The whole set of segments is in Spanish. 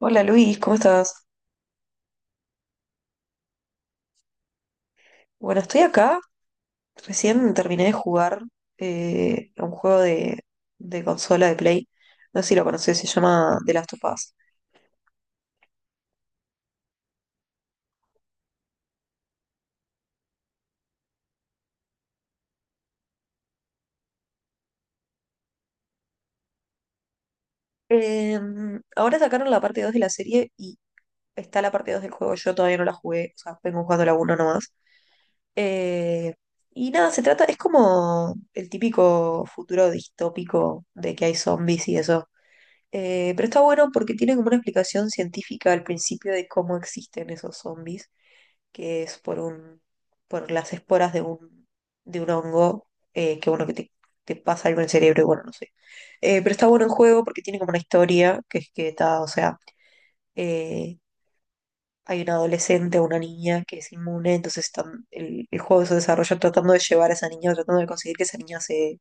Hola Luis, ¿cómo estás? Bueno, estoy acá. Recién terminé de jugar a un juego de consola de Play. No sé si lo conoces, se llama The Last of Us. Eh, Ahora sacaron la parte 2 de la serie y está la parte 2 del juego. Yo todavía no la jugué, o sea, vengo jugando la uno nomás. Eh, y nada, se trata, es como el típico futuro distópico de que hay zombies y eso. Pero está bueno porque tiene como una explicación científica al principio de cómo existen esos zombies. Que es por un, por las esporas de un hongo, que bueno, que te pasa algo en el cerebro y bueno, no sé. Pero está bueno el juego porque tiene como una historia, que es que está, o sea, eh, hay una adolescente o una niña que es inmune, entonces están, el juego se desarrolla tratando de llevar a esa niña, tratando de conseguir que esa niña se,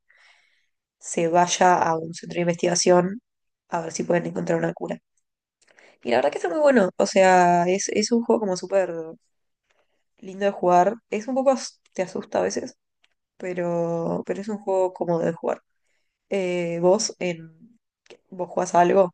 se vaya a un centro de investigación a ver si pueden encontrar una cura. Y la verdad que está muy bueno, o sea, es un juego como súper lindo de jugar, es un poco, te asusta a veces, pero es un juego cómodo de jugar. Vos en vos jugás a algo.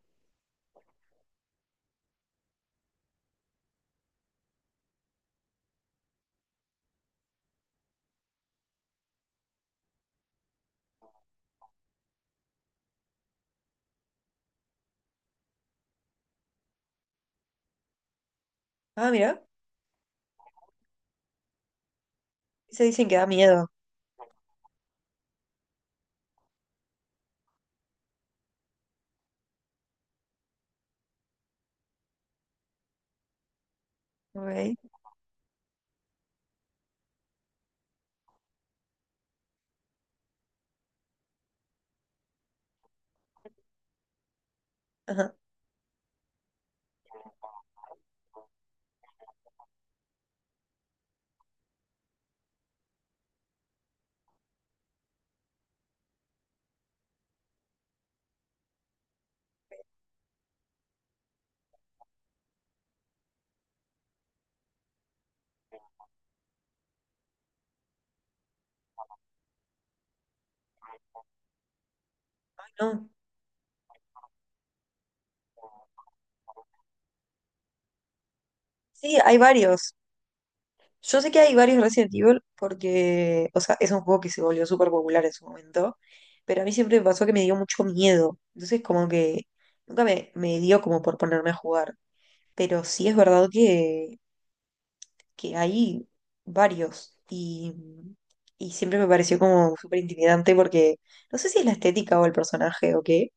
Ah, mira, se dicen que da miedo. Ok. Ajá. Ay, no. Sí, hay varios. Yo sé que hay varios Resident Evil porque, o sea, es un juego que se volvió súper popular en su momento, pero a mí siempre me pasó que me dio mucho miedo. Entonces, como que nunca me, me dio como por ponerme a jugar. Pero sí es verdad que hay varios y siempre me pareció como súper intimidante porque no sé si es la estética o el personaje o qué,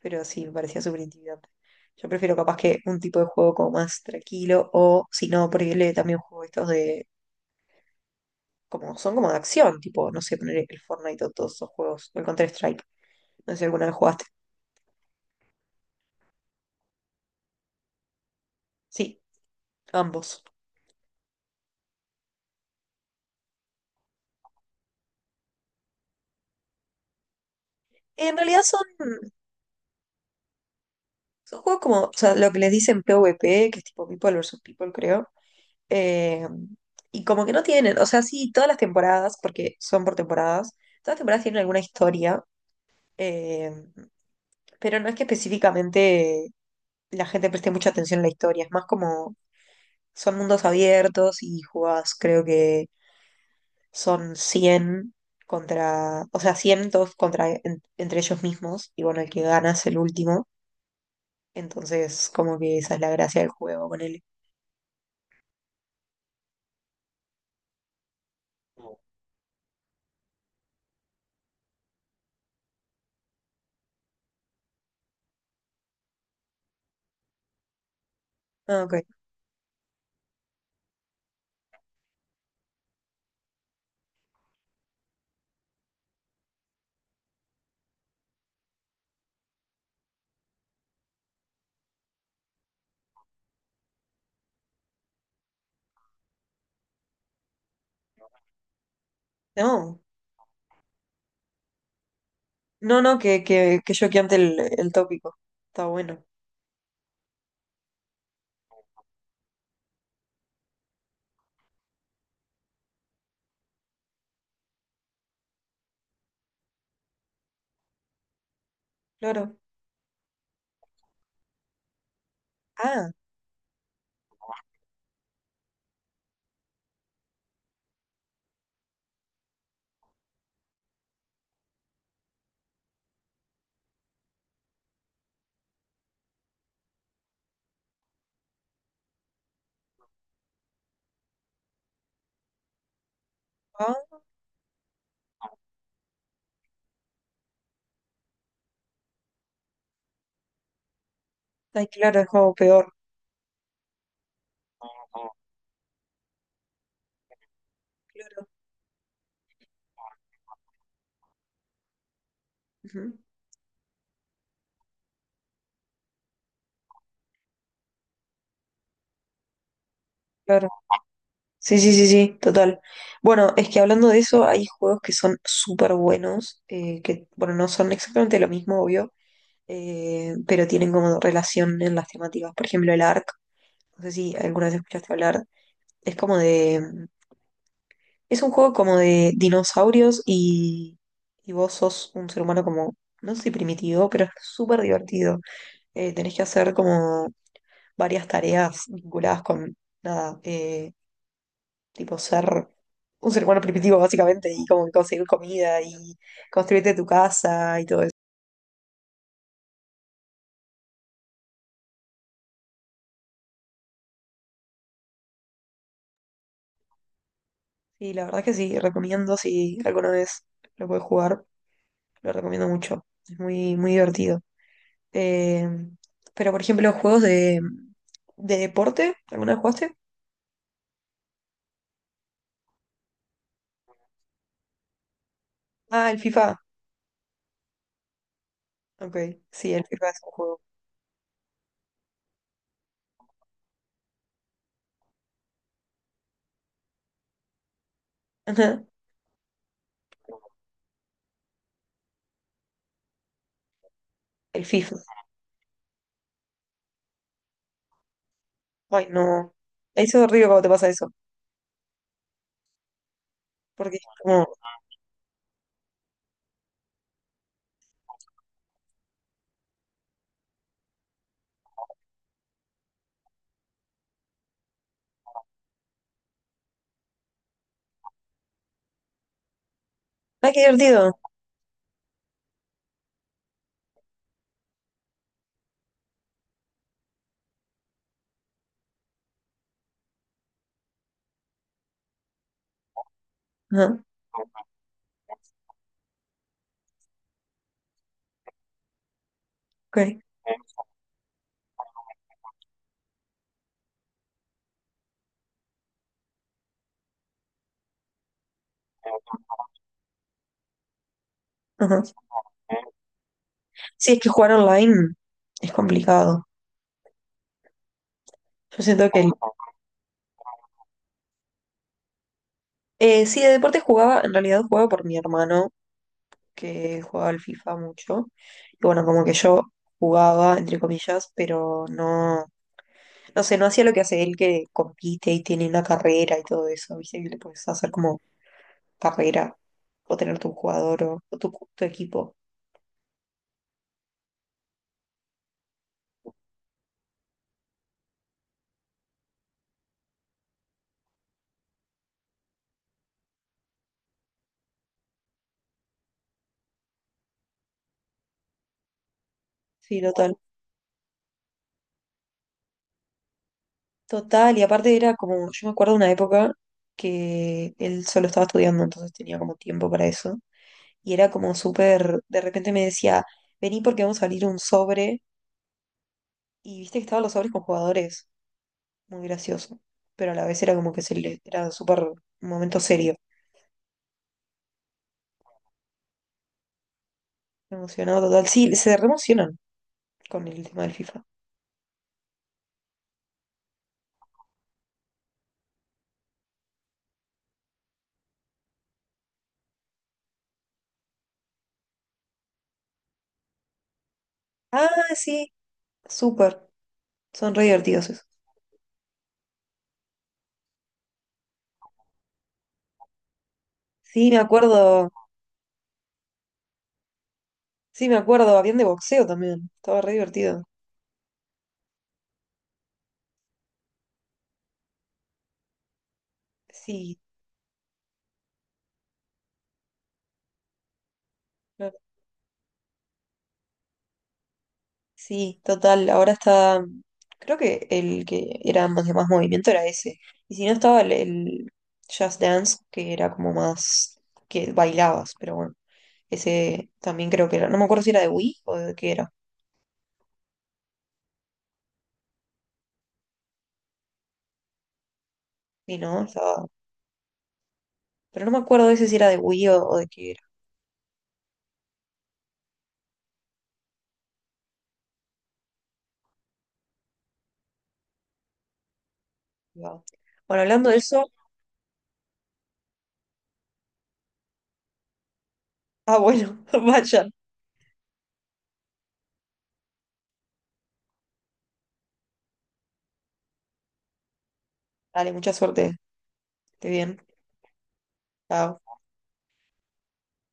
pero sí, me parecía súper intimidante. Yo prefiero capaz que un tipo de juego como más tranquilo o si no, prohibirle también juego estos de como son como de acción, tipo, no sé, poner el Fortnite o todos esos juegos, o el Counter-Strike, no sé si alguna vez jugaste. Sí, ambos. En realidad son, son juegos como, o sea, lo que les dicen PvP, que es tipo People versus People, creo. Eh, y como que no tienen, o sea, sí, todas las temporadas, porque son por temporadas, todas las temporadas tienen alguna historia, eh, pero no es que específicamente la gente preste mucha atención a la historia, es más como son mundos abiertos y jugás, creo que son 100 contra, o sea, 100 todos contra, entre ellos mismos, y bueno, el que gana es el último, entonces como que esa es la gracia del juego con él. Ah, ok. No. No, no, que choqueante el tópico. Está bueno. Claro. Ah, ah, ay, claro, es algo peor. Claro. Ujú. Claro. Sí, sí, sí, sí, total. Bueno, es que hablando de eso, hay juegos que son súper buenos, que, bueno, no son exactamente lo mismo, obvio, pero tienen como relación en las temáticas. Por ejemplo, el Ark, no sé si alguna vez escuchaste hablar, es como de, es un juego como de dinosaurios y vos sos un ser humano como, no sé si primitivo, pero es súper divertido. Tenés que hacer como varias tareas vinculadas con, nada, tipo ser un ser humano primitivo básicamente y como conseguir comida y construirte tu casa y todo eso. Y la verdad es que sí, recomiendo si alguna vez lo puedes jugar, lo recomiendo mucho. Es muy, muy divertido. Eh, pero por ejemplo, juegos de deporte, ¿alguna vez jugaste? Ah, el FIFA. Ok, sí, el FIFA es un juego. Ajá, el FIFA. Ay, no. Eso es horrible cuando te pasa eso. Porque es como, ay, qué divertido. Ajá, ok. Ajá. Sí, es que jugar online es complicado. Yo siento que... Sí, de deporte jugaba, en realidad jugaba por mi hermano, que jugaba al FIFA mucho. Y bueno, como que yo jugaba, entre comillas, pero no... No sé, no hacía lo que hace él que compite y tiene una carrera y todo eso, ¿viste? Que le puedes hacer como carrera o tener tu jugador o tu equipo. Sí, total. Total, y aparte era como, yo me acuerdo de una época que él solo estaba estudiando, entonces tenía como tiempo para eso. Y era como súper, de repente me decía, vení porque vamos a abrir un sobre. Y viste que estaban los sobres con jugadores, muy gracioso. Pero a la vez era como que se le, era súper un momento serio. Emocionado total. Sí, se re emocionan con el tema del FIFA. Ah, sí, súper, son re divertidos esos. Sí, me acuerdo, sí, me acuerdo, habían de boxeo también, estaba re divertido. Sí, claro. Sí, total, ahora está, creo que el que era más de más movimiento era ese. Y si no estaba el Just Dance, que era como más, que bailabas, pero bueno, ese también creo que era, no me acuerdo si era de Wii o de qué era. Sí, no, estaba, pero no me acuerdo ese si era de Wii o de qué era. Wow. Bueno, hablando de eso, ah, bueno, vayan, dale, mucha suerte. Esté bien. Chao.